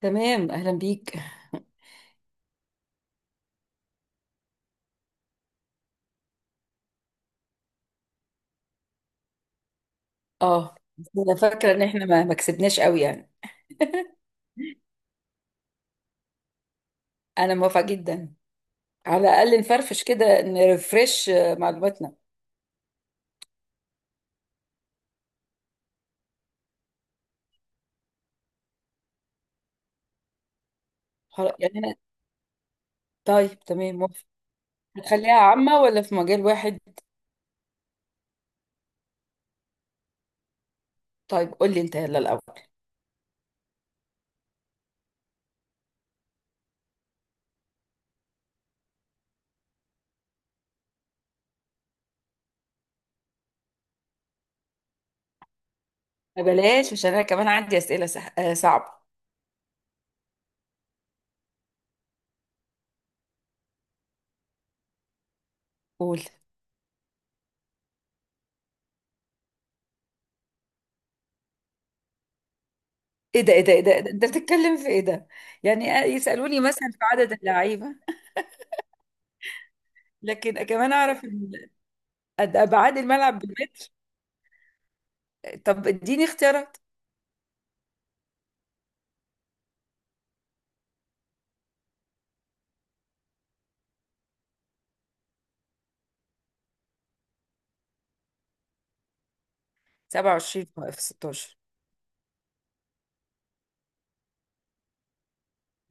تمام، اهلا بيك. اه بس انا فاكره ان احنا ما كسبناش قوي يعني. انا موافقه جدا. على الاقل نفرفش كده نرفرش معلوماتنا. خلاص يعني انا، طيب تمام موافقه. هتخليها عامه ولا في مجال واحد؟ طيب قول لي انت يلا الاول. بلاش عشان انا كمان عندي اسئله سح... آه، صعبه. قول. ايه ده ايه ده ايه ده إيه ده؟ انت بتتكلم في ايه ده؟ يعني يسالوني مثلا في عدد اللعيبه، لكن كمان اعرف ابعاد الملعب بالمتر. طب اديني اختيارات. 27 في 16.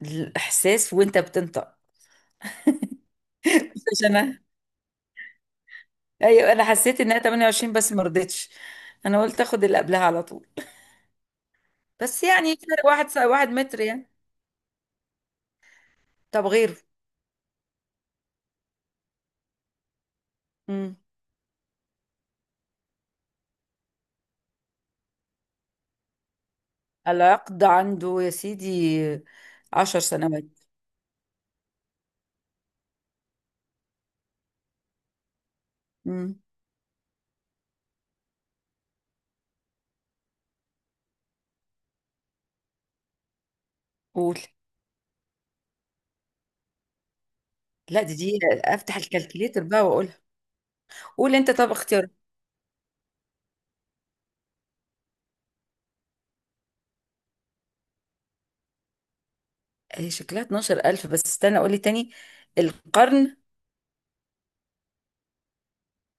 الاحساس وانت بتنطق. مش انا. ايوه انا حسيت انها 28 بس ما رضيتش، انا قلت اخد اللي قبلها على طول. بس يعني فرق واحد واحد متر يعني. طب غيره. امم العقد عنده يا سيدي 10 سنوات. امم قول. لا، دي افتح الكالكليتر بقى واقولها. قول انت طب اختيار. هي شكلها 12000 بس استنى قول لي تاني. القرن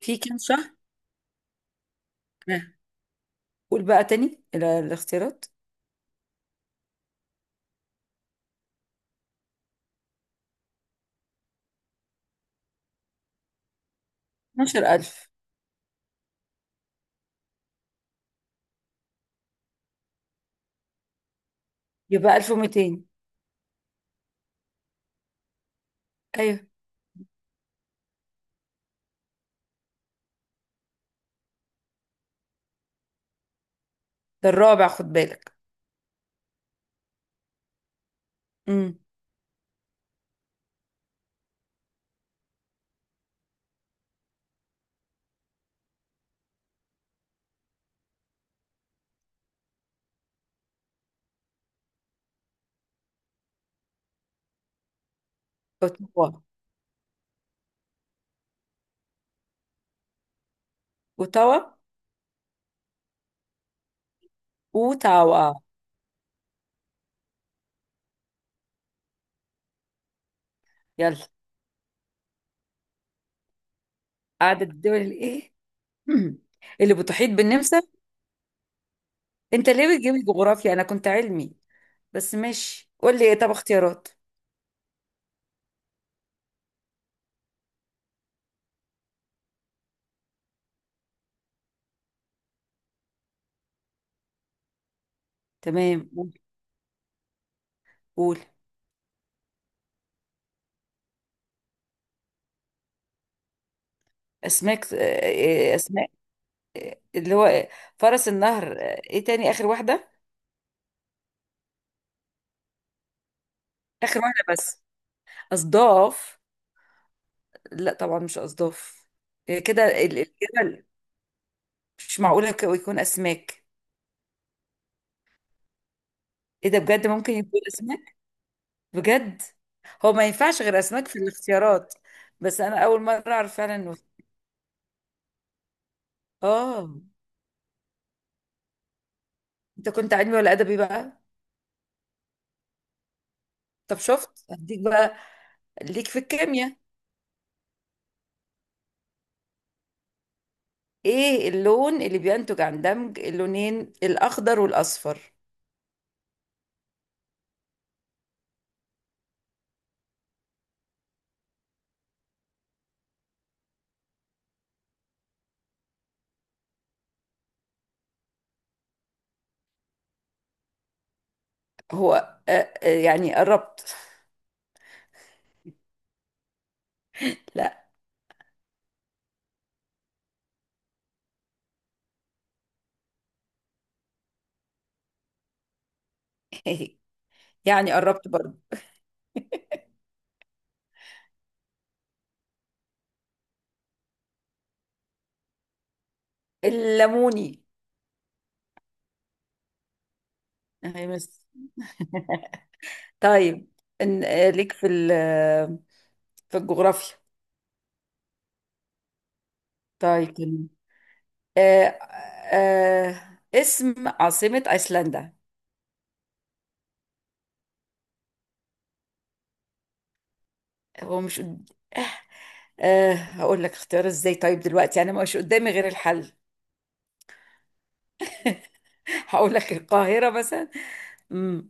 فيه كام شهر؟ آه. قول بقى تاني الاختيارات. 12000. يبقى 1200. ايوه، ده الرابع خد بالك. امم اوتاوا. اوتاوا. اوتاوا. يلا. قعدت الدول الايه. مم. اللي بتحيط بالنمسا. انت ليه بتجيب الجغرافيا؟ انا كنت علمي بس ماشي قول لي إيه؟ طب اختيارات. تمام ممكن. قول. اسماك، اسماء، اللي هو فرس النهر. ايه تاني؟ اخر واحده. اخر واحده بس. اصداف؟ لا طبعا مش اصداف. كده الجبل. مش معقوله يكون اسماك. ايه ده؟ بجد ممكن يكون اسماك؟ بجد؟ هو ما ينفعش غير اسماك في الاختيارات. بس انا اول مره اعرف فعلا انه. اه. انت كنت علمي ولا ادبي بقى؟ طب شفت هديك بقى، ليك في الكيمياء. ايه اللون اللي بينتج عن دمج اللونين الاخضر والاصفر؟ هو آه، آه يعني قربت. لا. يعني قربت برضه. الليموني. أهي بس. طيب. ليك في في الجغرافيا. طيب. آه اسم عاصمة أيسلندا. هو مش قد- آه هقول لك اختيار ازاي طيب دلوقتي انا مش قدامي غير الحل. هقول لك القاهرة مثلا. امم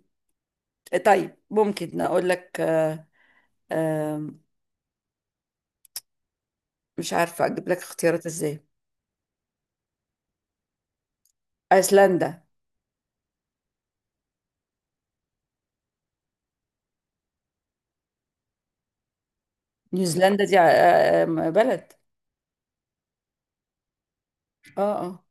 طيب ممكن اقول لك آه مش عارفة اجيب لك اختيارات ازاي. أيسلندا. نيوزيلندا دي بلد. اه. اه.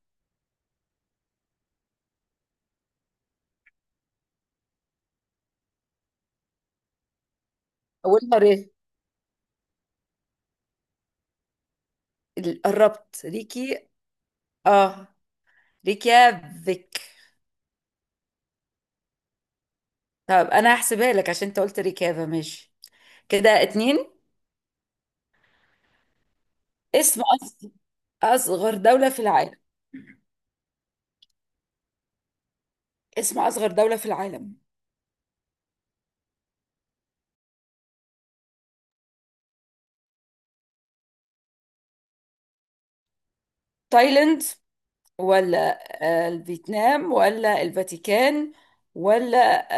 اولها ري. قربت، ريكي. اه، ريكيافيك. طب انا هحسبها لك عشان انت قلت ريكافا ماشي. كده اتنين. اسم أصغر دولة في العالم. اسم أصغر دولة في العالم. تايلاند، ولا الفيتنام، ولا الفاتيكان، ولا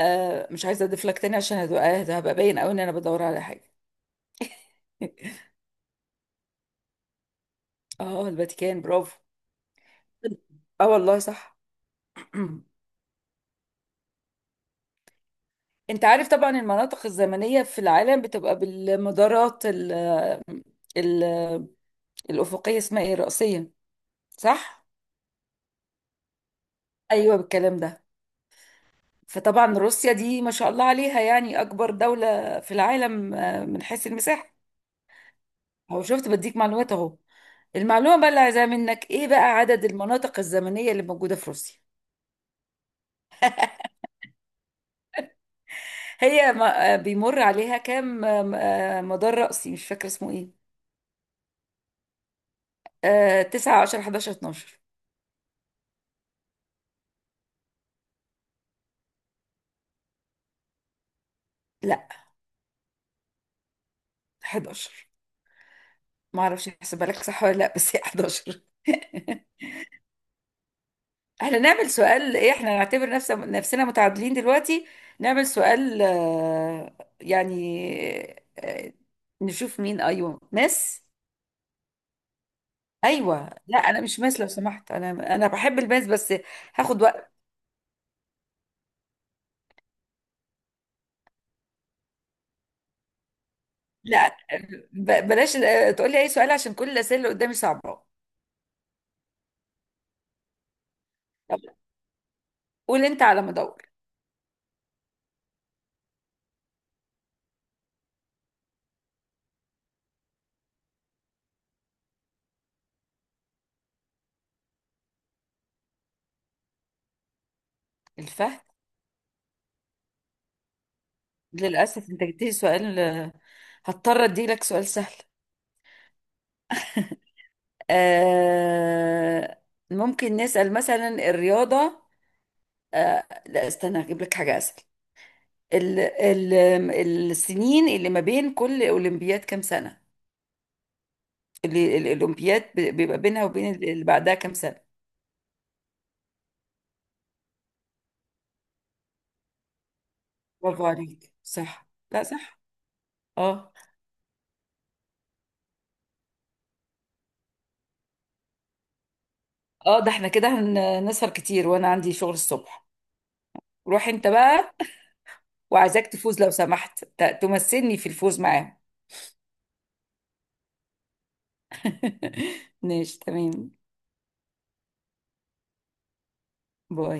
مش عايزة أضيف لك تاني عشان ده هبقى باين أوي إن أنا بدور على حاجة. اه الفاتيكان. برافو. اه والله صح. انت عارف طبعا المناطق الزمنية في العالم بتبقى بالمدارات ال ال الأفقية، اسمها ايه الرئيسية، صح؟ ايوه بالكلام ده. فطبعا روسيا دي ما شاء الله عليها يعني أكبر دولة في العالم من حيث المساحة. أهو شفت، بديك معلومات أهو. المعلومة بقى اللي عايزاها منك إيه بقى عدد المناطق الزمنية اللي موجودة في روسيا. هي بيمر عليها كام آم، آه، مدار رأسي مش فاكرة اسمه إيه. 9، 10، 11، 12. لا 11. ما اعرفش احسبها لك صح ولا لا بس هي 11. احنا نعمل سؤال ايه؟ احنا نعتبر نفسنا متعادلين دلوقتي. نعمل سؤال يعني، آه، نشوف مين. ايوه ماس. ايوه لا انا مش ماس لو سمحت. انا بحب الماس بس هاخد وقت. لا، بلاش تقولي اي سؤال عشان كل الاسئله اللي قدامي صعبه. طب قول انت على ما ادور. الفهد. للاسف انت جبتلي سؤال هضطر اديلك سؤال سهل. آه، ممكن نسأل مثلا الرياضه. آه لا استنى هجيب لك حاجة أسهل. ال ال السنين اللي ما بين كل أولمبياد كام سنة؟ اللي الأولمبياد بيبقى بينها وبين اللي بعدها كام سنة؟ برافو عليك صح. لا صح. اه. اه ده احنا كده هنسهر كتير وأنا عندي شغل الصبح. روح انت بقى. وعايزاك تفوز لو سمحت، تمثلني في الفوز معاهم. ماشي، تمام. باي.